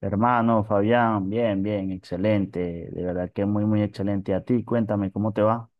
Hermano Fabián, bien, bien, excelente, de verdad que muy, muy excelente. A ti, cuéntame, ¿cómo te va?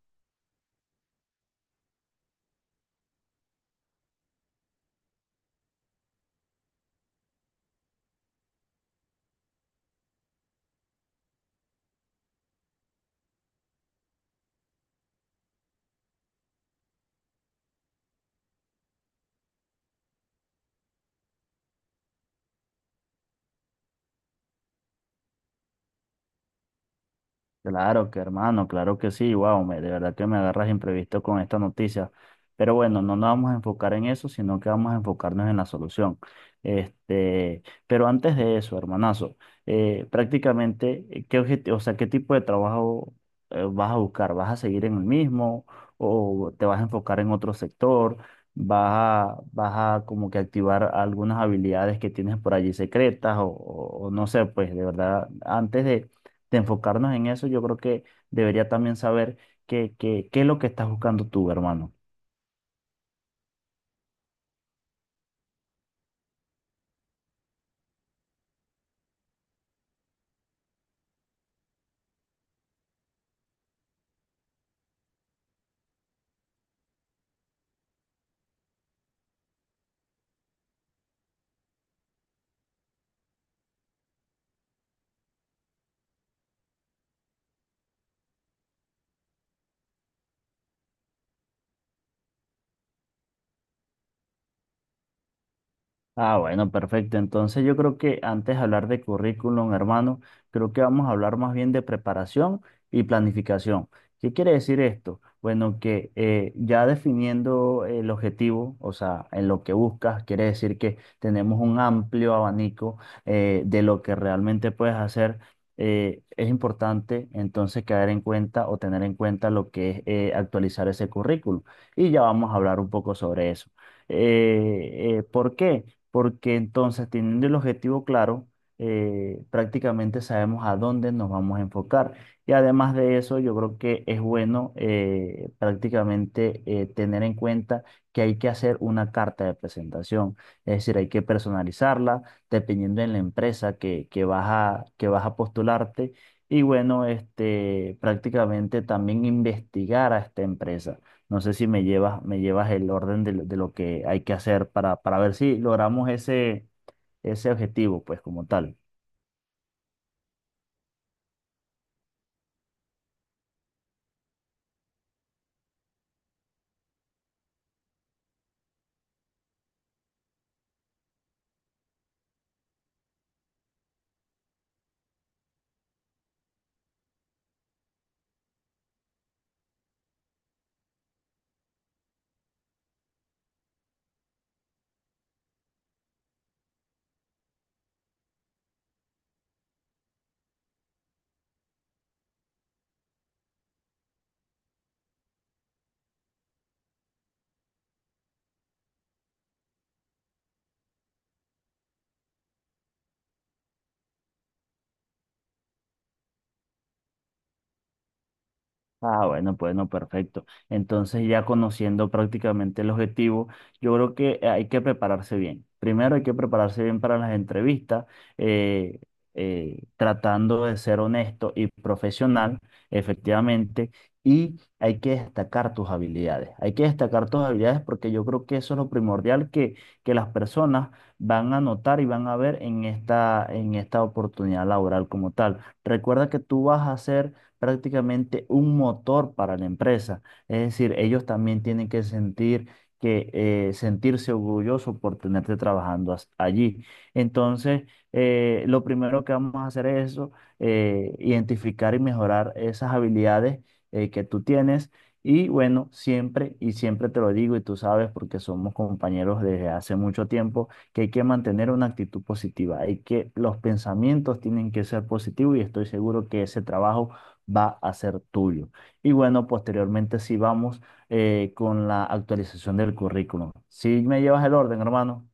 Claro que hermano, claro que sí, wow, de verdad que me agarras imprevisto con esta noticia. Pero bueno, no nos vamos a enfocar en eso, sino que vamos a enfocarnos en la solución. Este, pero antes de eso, hermanazo, prácticamente, ¿qué objetivo, o sea, qué tipo de trabajo vas a buscar? ¿Vas a seguir en el mismo o te vas a enfocar en otro sector? ¿Vas ¿vas a como que activar algunas habilidades que tienes por allí secretas o, o no sé, pues de verdad, antes de enfocarnos en eso, yo creo que debería también saber qué es lo que estás buscando tú, hermano. Ah, bueno, perfecto. Entonces yo creo que antes de hablar de currículum, hermano, creo que vamos a hablar más bien de preparación y planificación. ¿Qué quiere decir esto? Bueno, que ya definiendo el objetivo, o sea, en lo que buscas, quiere decir que tenemos un amplio abanico de lo que realmente puedes hacer. Es importante entonces caer en cuenta o tener en cuenta lo que es actualizar ese currículum. Y ya vamos a hablar un poco sobre eso. ¿Por qué? Porque entonces teniendo el objetivo claro, prácticamente sabemos a dónde nos vamos a enfocar. Y además de eso, yo creo que es bueno prácticamente tener en cuenta que hay que hacer una carta de presentación, es decir, hay que personalizarla dependiendo de la empresa que que vas a postularte. Y bueno, este, prácticamente también investigar a esta empresa no sé si me llevas el orden de lo que hay que hacer para ver si logramos ese objetivo, pues como tal. Ah, bueno, pues no, perfecto. Entonces, ya conociendo prácticamente el objetivo, yo creo que hay que prepararse bien. Primero hay que prepararse bien para las entrevistas, eh, tratando de ser honesto y profesional, efectivamente, y hay que destacar tus habilidades. Hay que destacar tus habilidades porque yo creo que eso es lo primordial que las personas van a notar y van a ver en en esta oportunidad laboral como tal. Recuerda que tú vas a ser prácticamente un motor para la empresa. Es decir, ellos también tienen que sentir que sentirse orgulloso por tenerte trabajando allí. Entonces, lo primero que vamos a hacer es eso, identificar y mejorar esas habilidades que tú tienes. Y bueno, siempre y siempre te lo digo y tú sabes porque somos compañeros desde hace mucho tiempo que hay que mantener una actitud positiva, hay que los pensamientos tienen que ser positivos y estoy seguro que ese trabajo va a ser tuyo. Y bueno, posteriormente sí vamos con la actualización del currículum. ¿Si me llevas el orden, hermano?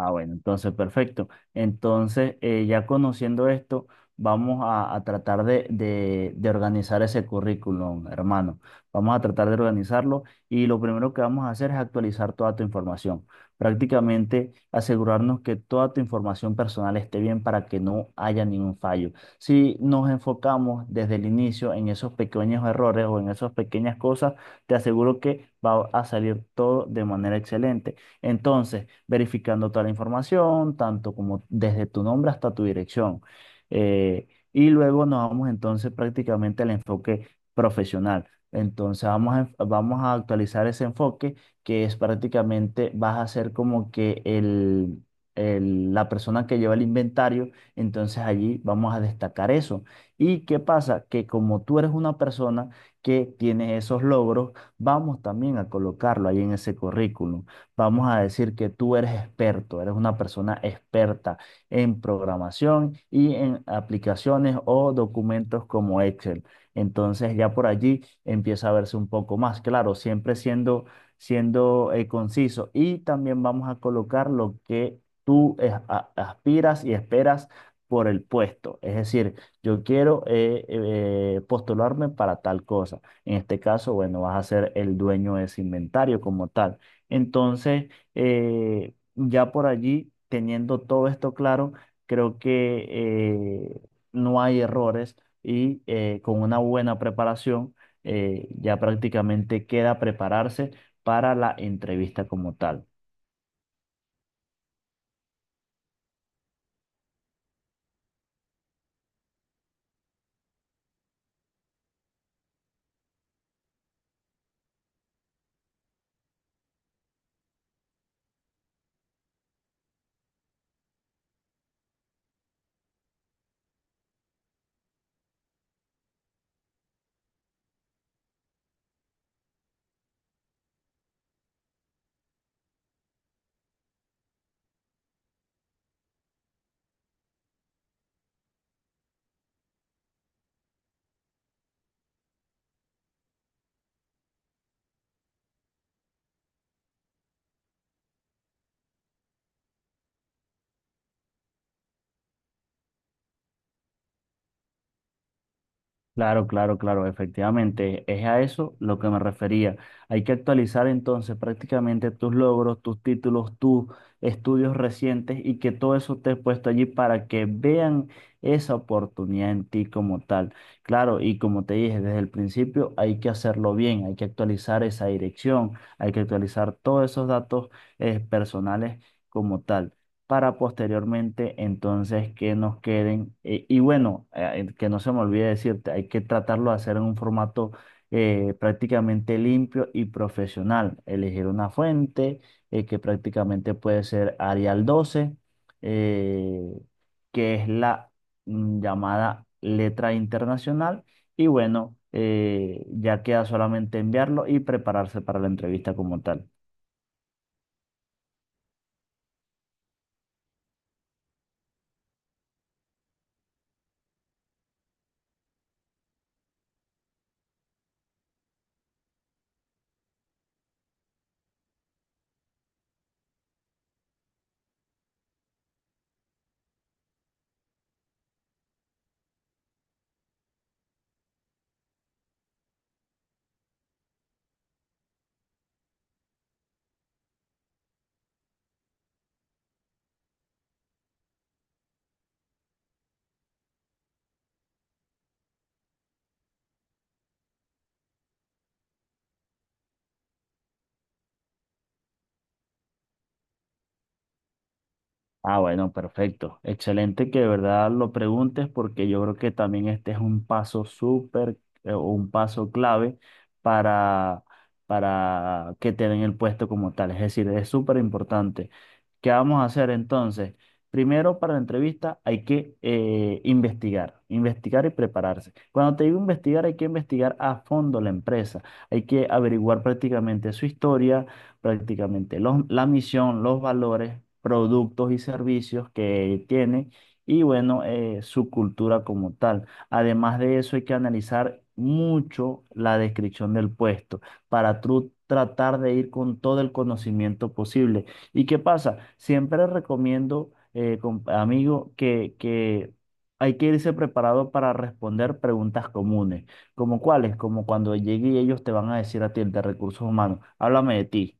Ah, bueno, entonces perfecto. Entonces, ya conociendo esto, vamos a tratar de organizar ese currículum, hermano. Vamos a tratar de organizarlo y lo primero que vamos a hacer es actualizar toda tu información. Prácticamente asegurarnos que toda tu información personal esté bien para que no haya ningún fallo. Si nos enfocamos desde el inicio en esos pequeños errores o en esas pequeñas cosas, te aseguro que va a salir todo de manera excelente. Entonces, verificando toda la información, tanto como desde tu nombre hasta tu dirección. Y luego nos vamos entonces prácticamente al enfoque profesional. Entonces vamos a actualizar ese enfoque que es prácticamente vas a ser como que la persona que lleva el inventario. Entonces allí vamos a destacar eso. ¿Y qué pasa? Que como tú eres una persona que tiene esos logros, vamos también a colocarlo ahí en ese currículum. Vamos a decir que tú eres experto, eres una persona experta en programación y en aplicaciones o documentos como Excel. Entonces ya por allí empieza a verse un poco más, claro, siendo conciso. Y también vamos a colocar lo que aspiras y esperas por el puesto. Es decir, yo quiero postularme para tal cosa. En este caso, bueno, vas a ser el dueño de ese inventario como tal. Entonces, ya por allí, teniendo todo esto claro, creo que no hay errores y con una buena preparación, ya prácticamente queda prepararse para la entrevista como tal. Claro, claro, claro, efectivamente, es a eso lo que me refería. Hay que actualizar entonces prácticamente tus logros, tus títulos, tus estudios recientes y que todo eso esté puesto allí para que vean esa oportunidad en ti como tal. Claro, y como te dije desde el principio, hay que hacerlo bien, hay que actualizar esa dirección, hay que actualizar todos esos datos personales como tal para posteriormente entonces que nos queden. Y bueno, que no se me olvide decirte, hay que tratarlo de hacer en un formato prácticamente limpio y profesional. Elegir una fuente que prácticamente puede ser Arial 12, eh, que es la llamada letra internacional. Y bueno, ya queda solamente enviarlo y prepararse para la entrevista como tal. Ah, bueno, perfecto. Excelente que de verdad lo preguntes porque yo creo que también este es un paso súper, o un paso clave para, para que te den el puesto como tal. Es decir, es súper importante. ¿Qué vamos a hacer entonces? Primero, para la entrevista hay que investigar, investigar y prepararse. Cuando te digo investigar, hay que investigar a fondo la empresa. Hay que averiguar prácticamente su historia, prácticamente la misión, los valores, productos y servicios que tiene y bueno, su cultura como tal. Además de eso, hay que analizar mucho la descripción del puesto para tú tratar de ir con todo el conocimiento posible. ¿Y qué pasa? Siempre recomiendo, amigo, que hay que irse preparado para responder preguntas comunes, como cuáles, como cuando llegue y ellos te van a decir a ti, el de recursos humanos, háblame de ti.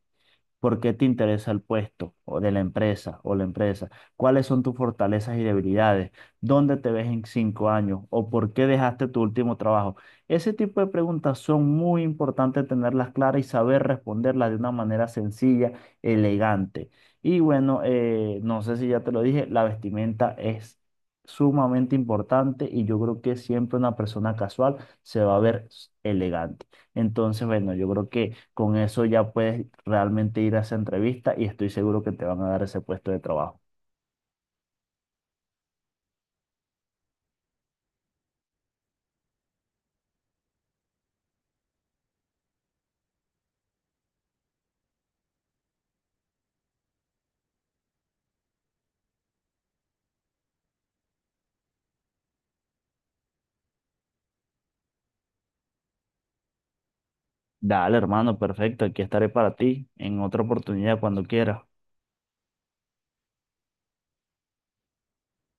¿Por qué te interesa el puesto o de la empresa o la empresa? ¿Cuáles son tus fortalezas y debilidades? ¿Dónde te ves en 5 años? ¿O por qué dejaste tu último trabajo? Ese tipo de preguntas son muy importantes tenerlas claras y saber responderlas de una manera sencilla, elegante. Y bueno, no sé si ya te lo dije, la vestimenta es sumamente importante y yo creo que siempre una persona casual se va a ver elegante. Entonces, bueno, yo creo que con eso ya puedes realmente ir a esa entrevista y estoy seguro que te van a dar ese puesto de trabajo. Dale, hermano, perfecto. Aquí estaré para ti en otra oportunidad cuando quieras.